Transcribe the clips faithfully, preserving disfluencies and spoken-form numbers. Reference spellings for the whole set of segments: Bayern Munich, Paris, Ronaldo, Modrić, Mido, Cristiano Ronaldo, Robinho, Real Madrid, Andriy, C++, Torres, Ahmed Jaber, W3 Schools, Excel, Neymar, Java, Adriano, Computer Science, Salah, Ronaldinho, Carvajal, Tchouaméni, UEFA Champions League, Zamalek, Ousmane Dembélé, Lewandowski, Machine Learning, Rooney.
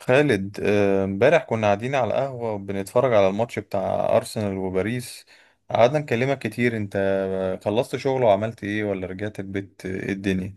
خالد، آه، امبارح كنا قاعدين على قهوة وبنتفرج على الماتش بتاع أرسنال وباريس. قعدنا نكلمك كتير. انت خلصت شغل وعملت ايه ولا رجعت البيت؟ ايه الدنيا؟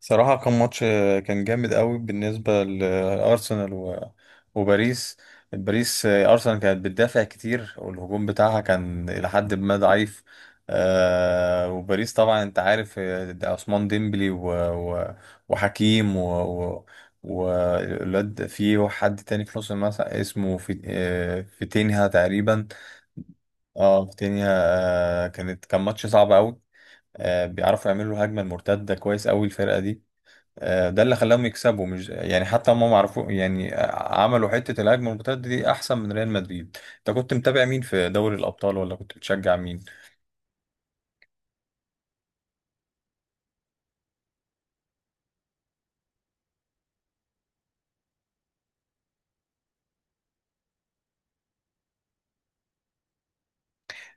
صراحة كان ماتش، آه، كان جامد قوي بالنسبة لأرسنال و- وباريس. باريس آه، أرسنال كانت بتدافع كتير والهجوم بتاعها كان إلى حد ما ضعيف. آه، وباريس طبعا أنت عارف، آه، ده عثمان ديمبلي و- و- وحكيم و و- والواد، في حد تاني في نص الملعب اسمه، في آه، فيتينها تقريبا. اه، فيتينها. آه، كانت كان ماتش صعب قوي. آه، بيعرفوا يعملوا هجمة المرتدة كويس قوي الفرقة دي. آه، ده اللي خلاهم يكسبوا، مش يعني حتى هم معرفوا يعني، آه، عملوا حتة الهجمة المرتدة دي أحسن من ريال مدريد. أنت كنت متابع مين في دوري الأبطال ولا كنت بتشجع مين؟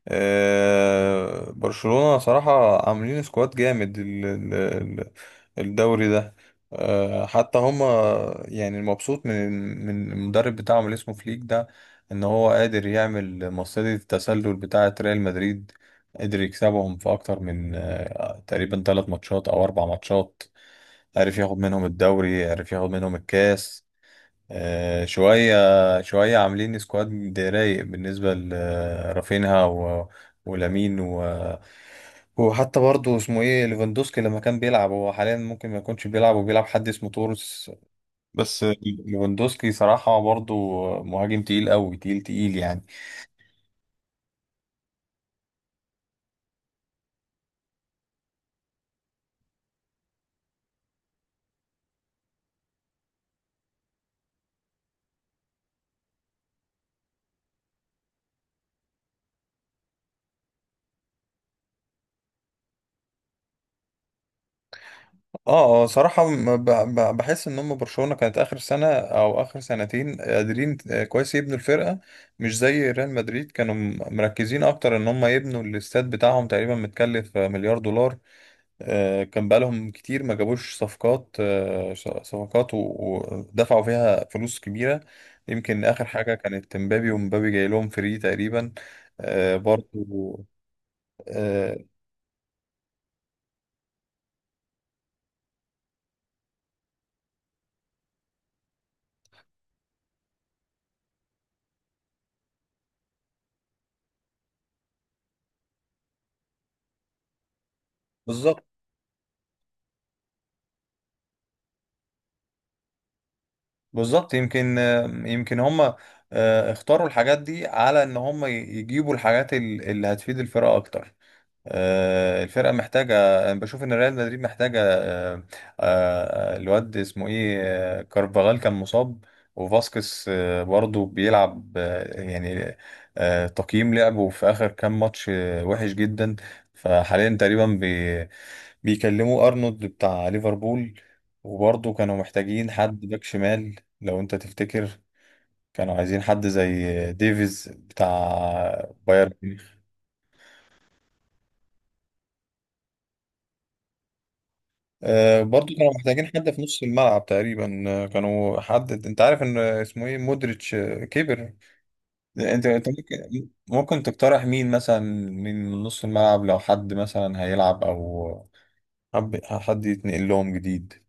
أه، برشلونة صراحة عاملين سكواد جامد ال- ال- ال- الدوري ده. أه حتى هم، يعني المبسوط من من المدرب بتاعهم اللي اسمه فليك ده، إن هو قادر يعمل مصيدة التسلل بتاعة ريال مدريد. قدر يكسبهم في أكتر من، آه، تقريبا ثلاث ماتشات أو أربع ماتشات. عرف ياخد منهم الدوري، عرف ياخد منهم الكاس. آه، شوية شوية عاملين سكواد رايق بالنسبة لرافينها و... ولامين و... وحتى برضه اسمه ايه ليفاندوسكي، لما كان بيلعب. هو حاليا ممكن ما يكونش بيلعب وبيلعب حد اسمه تورس بس. ليفاندوسكي صراحة برضه مهاجم تقيل قوي، تقيل تقيل يعني. اه اه صراحة م- ب- ب- بحس ان هم برشلونة كانت اخر سنة او اخر سنتين قادرين آه، كويس يبنوا الفرقة. مش زي ريال مدريد، كانوا م- مركزين اكتر ان هم يبنوا الاستاد بتاعهم، تقريبا متكلف آه، مليار دولار. آه، كان بقالهم كتير ما جابوش صفقات، آه، ش- صفقات و- ودفعوا فيها فلوس كبيرة. يمكن اخر حاجة كانت مبابي، ومبابي جاي لهم فري تقريبا. آه، برضو. آه، بالظبط، بالظبط. يمكن يمكن هم آه، اختاروا الحاجات دي على ان هم يجيبوا الحاجات ال- اللي هتفيد الفرقه اكتر. آه، الفرقه محتاجه. انا بشوف ان ريال مدريد محتاجه، آه، آه، الواد اسمه ايه، آه، كارفاغال كان مصاب. وفاسكس آه، برضه بيلعب آه، يعني، آه، تقييم لعبه في اخر كام ماتش آه، وحش جدا. فحاليا تقريبا بيكلموا ارنولد بتاع ليفربول، وبرضه كانوا محتاجين حد باك شمال، لو انت تفتكر، كانوا عايزين حد زي ديفيز بتاع بايرن ميونخ. آه، برضه كانوا محتاجين حد في نص الملعب تقريبا، آه، كانوا، حد انت عارف ان اسمه ايه، مودريتش آه، كبر. انت انت ممكن ممكن تقترح مين مثلا من نص الملعب، لو حد مثلا هيلعب او حب- حد يتنقل لهم جديد؟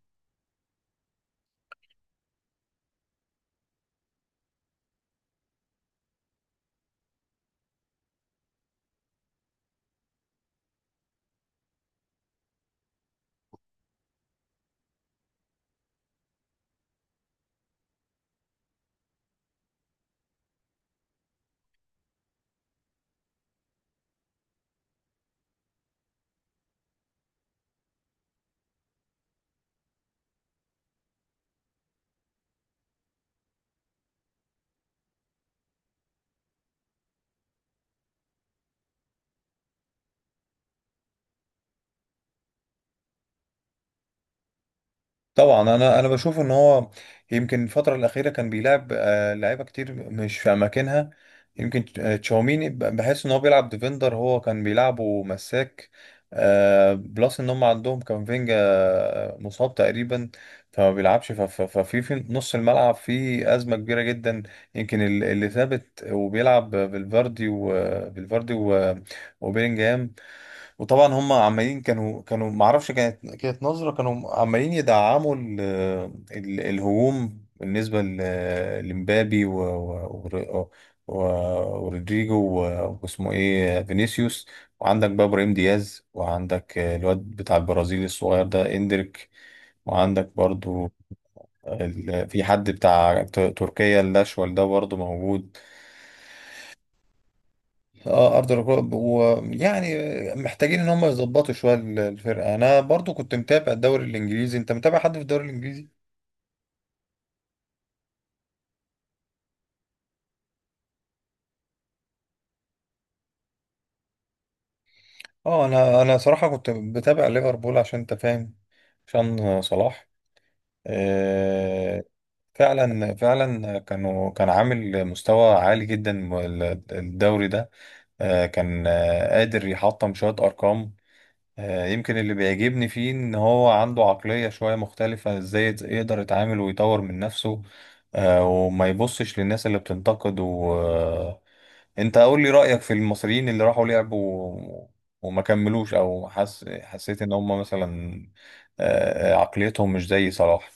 طبعا انا انا بشوف ان هو يمكن الفتره الاخيره كان بيلعب آه، لعيبه كتير مش في اماكنها. يمكن آه، تشاوميني ب- بحس ان هو بيلعب ديفندر، هو كان بيلعبه مساك. آه، بلس ان هم عندهم كامافينجا آه، مصاب تقريبا، فما بيلعبش. ف- ف- ففي في نص الملعب في ازمه كبيره جدا. يمكن ال- اللي ثابت وبيلعب بالفاردي وبالفاردي وبيلينجهام. وطبعا هم عمالين، كانوا كانوا ما اعرفش، كانت كانت نظرة، كانوا عمالين يدعموا ال ال الهجوم بالنسبة ل- لمبابي و- و- و- ورودريجو و- واسمه ايه فينيسيوس. وعندك بقى ابراهيم دياز، وعندك الواد بتاع البرازيل الصغير ده اندريك. وعندك برضو ال- في حد بتاع ت- تركيا الاشول ده برضو موجود. اه، ارض الركاب. ويعني محتاجين ان هم يظبطوا شويه ال- الفرقه. انا برضو كنت متابع الدوري الانجليزي، انت متابع حد في الدوري الانجليزي؟ اه، انا انا صراحه كنت بتابع ليفربول، عشان انت فاهم، عشان صلاح. آه، فعلا فعلا، كانوا كان عامل مستوى عالي جدا ال- الدوري ده. آه كان، آه قادر يحطم شويه ارقام. آه، يمكن اللي بيعجبني فيه ان هو عنده عقلية شوية مختلفة، ازاي يت- يقدر يتعامل ويطور من نفسه. آه، وما يبصش للناس اللي بتنتقد. وانت قول لي رأيك في المصريين اللي راحوا لعبوا و- وما كملوش، او حس... حسيت ان هم مثلا آه، آه، عقليتهم مش زي صلاح.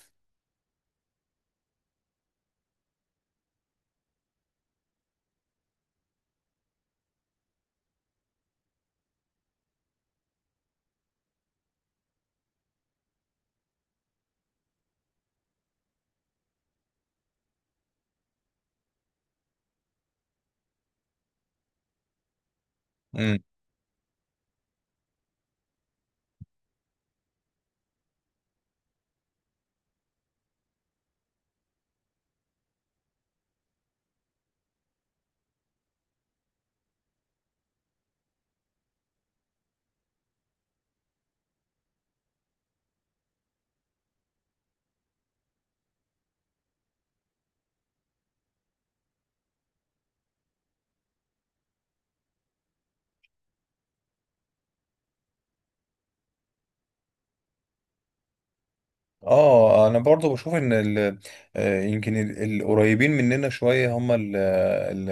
اه، انا برضو بشوف ان ال... آه، يمكن ال- القريبين مننا شويه هم ال... ال-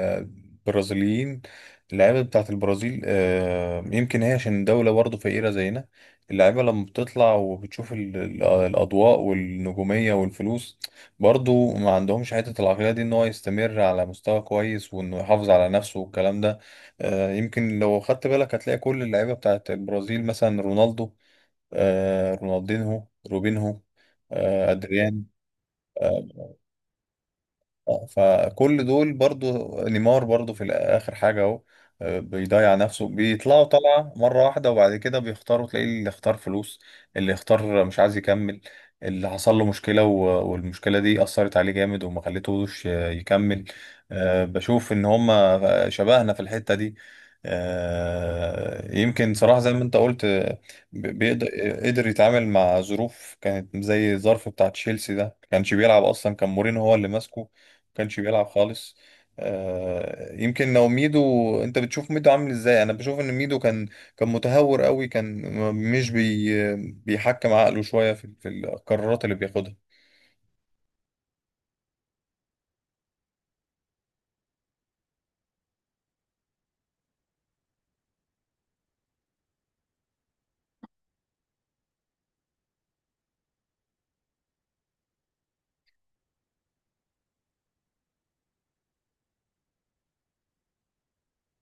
البرازيليين، اللعيبه بتاعت البرازيل. آه، يمكن هي عشان دوله برضو فقيره زينا، اللعيبه لما بتطلع وبتشوف ال... ال- الاضواء والنجوميه والفلوس، برضو ما عندهمش حته العقليه دي، ان هو يستمر على مستوى كويس وانه يحافظ على نفسه والكلام ده. آه، يمكن لو خدت بالك هتلاقي كل اللعيبه بتاعت البرازيل، مثلا رونالدو، آه رونالدينهو، روبينهو، آه أدريان. آه. آه، فكل دول برضو، نيمار برضو في اخر حاجه اهو، آه، بيضيع نفسه. بيطلعوا طلعه مره واحده وبعد كده بيختاروا، تلاقي اللي اختار فلوس، اللي اختار مش عايز يكمل، اللي حصل له مشكله و- والمشكله دي اثرت عليه جامد وما خليتهوش ي- يكمل. آه، بشوف ان هما شبهنا في الحته دي. آه، يمكن صراحه زي ما انت قلت، آه، ب- بيقدر، قدر يتعامل مع ظروف كانت زي الظرف بتاع تشيلسي ده، ما كانش بيلعب اصلا، كان مورينو هو اللي ماسكه، كانش بيلعب خالص. آه، يمكن لو ميدو، انت بتشوف ميدو عامل ازاي؟ انا بشوف ان ميدو كان كان متهور قوي، كان م- مش بي بيحكم عقله شوية في في القرارات اللي بياخدها.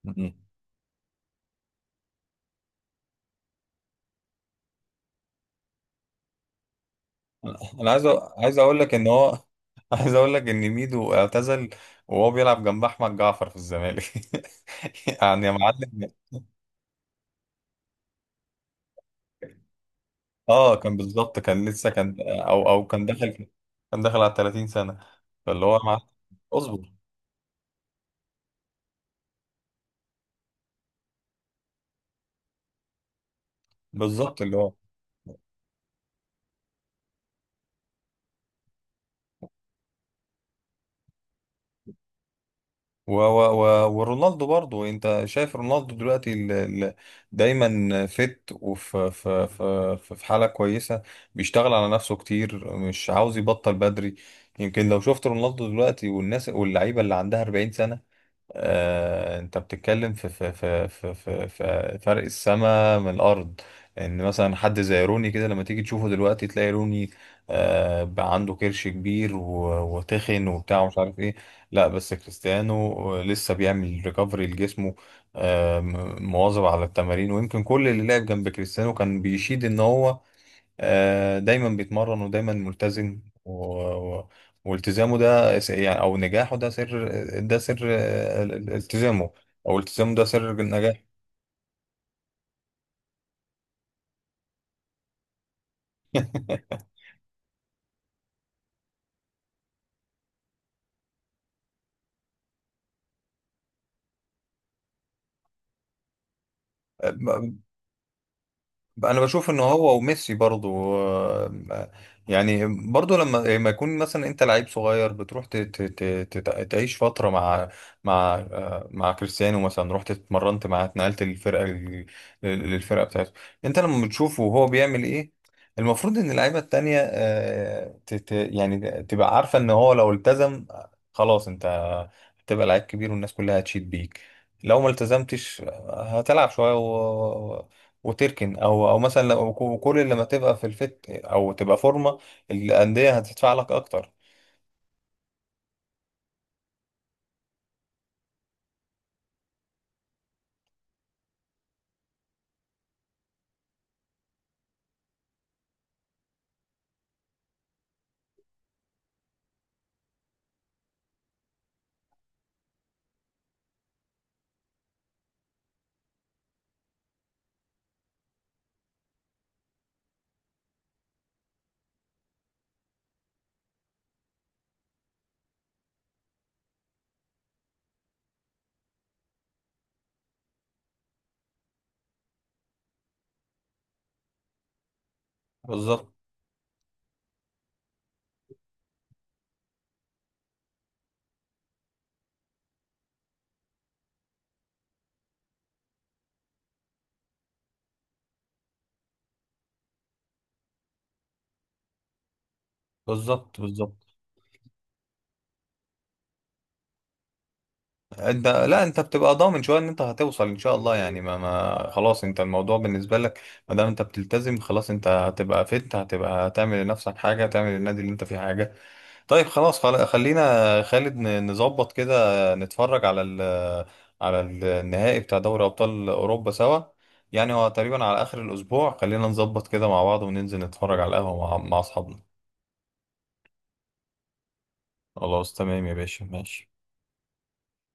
مم. انا أنا عايز أ- عايز اقول لك ان هو عايز اقول لك ان ميدو اعتزل وهو بيلعب جنب احمد جعفر في الزمالك يعني يا معلم. اه، كان بالظبط، كان لسه، كان او او كان داخل، كان داخل على 30 سنة، فاللي هو مع... اصبر. بالظبط، اللي هو. و و و ورونالدو برضو، انت شايف رونالدو دلوقتي ال ال دايما فت، وفي في في في حالة كويسة، بيشتغل على نفسه كتير، مش عاوز يبطل بدري. يمكن لو شفت رونالدو دلوقتي والناس واللعيبة اللي عندها 40 سنة، آه، انت بتتكلم في في في في في في فرق السماء من الارض. ان مثلا حد زي روني كده، لما تيجي تشوفه دلوقتي تلاقي روني آه، بقى عنده كرش كبير و- وتخن وبتاع ومش عارف ايه. لا، بس كريستيانو لسه بيعمل ريكفري لجسمه، آه، م- مواظب على التمارين. ويمكن كل اللي لعب جنب كريستيانو كان بيشيد ان هو آه، دايما بيتمرن ودايما ملتزم. و... و... والتزامه ده س- يعني او نجاحه ده سر. ده سر آه، ال- ال- التزامه. او التزامه ده سر النجاح. آه، انا بشوف ان هو وميسي برضو آه، يعني، برضو، لما لما يكون مثلا انت لعيب صغير، بتروح ت- ت- ت- تت- تعيش فتره مع مع آه، مع كريستيانو مثلا، رحت اتمرنت معاه، اتنقلت للفرقه لل- للفرقه بتاعته. انت لما بتشوفه وهو بيعمل ايه، المفروض ان اللعيبه التانيه آه، ت- ت- يعني تبقى عارفه ان هو لو التزم خلاص، انت هتبقى لعيب كبير والناس كلها هتشيد بيك. لو ما التزمتش آه، هتلعب شويه وتركن، او او مثلا لو كو- كل لما تبقى في الفت او تبقى فورمه، الانديه هتدفع لك اكتر. بالظبط، بالظبط. بالظبط. انت لا، انت بتبقى ضامن شويه ان انت هتوصل ان شاء الله يعني. ما ما خلاص، انت الموضوع بالنسبه لك، ما دام انت بتلتزم خلاص، انت هتبقى فت، هتبقى تعمل لنفسك حاجه، تعمل للنادي اللي انت فيه حاجه. طيب خلاص، خل- خلينا خالد ن- نظبط كده، نتفرج على ال على النهائي بتاع دوري أبطال أوروبا سوا، يعني هو تقريبا على آخر الأسبوع. خلينا نظبط كده مع بعض وننزل نتفرج على القهوة مع مع أصحابنا. خلاص تمام يا باشا، ماشي.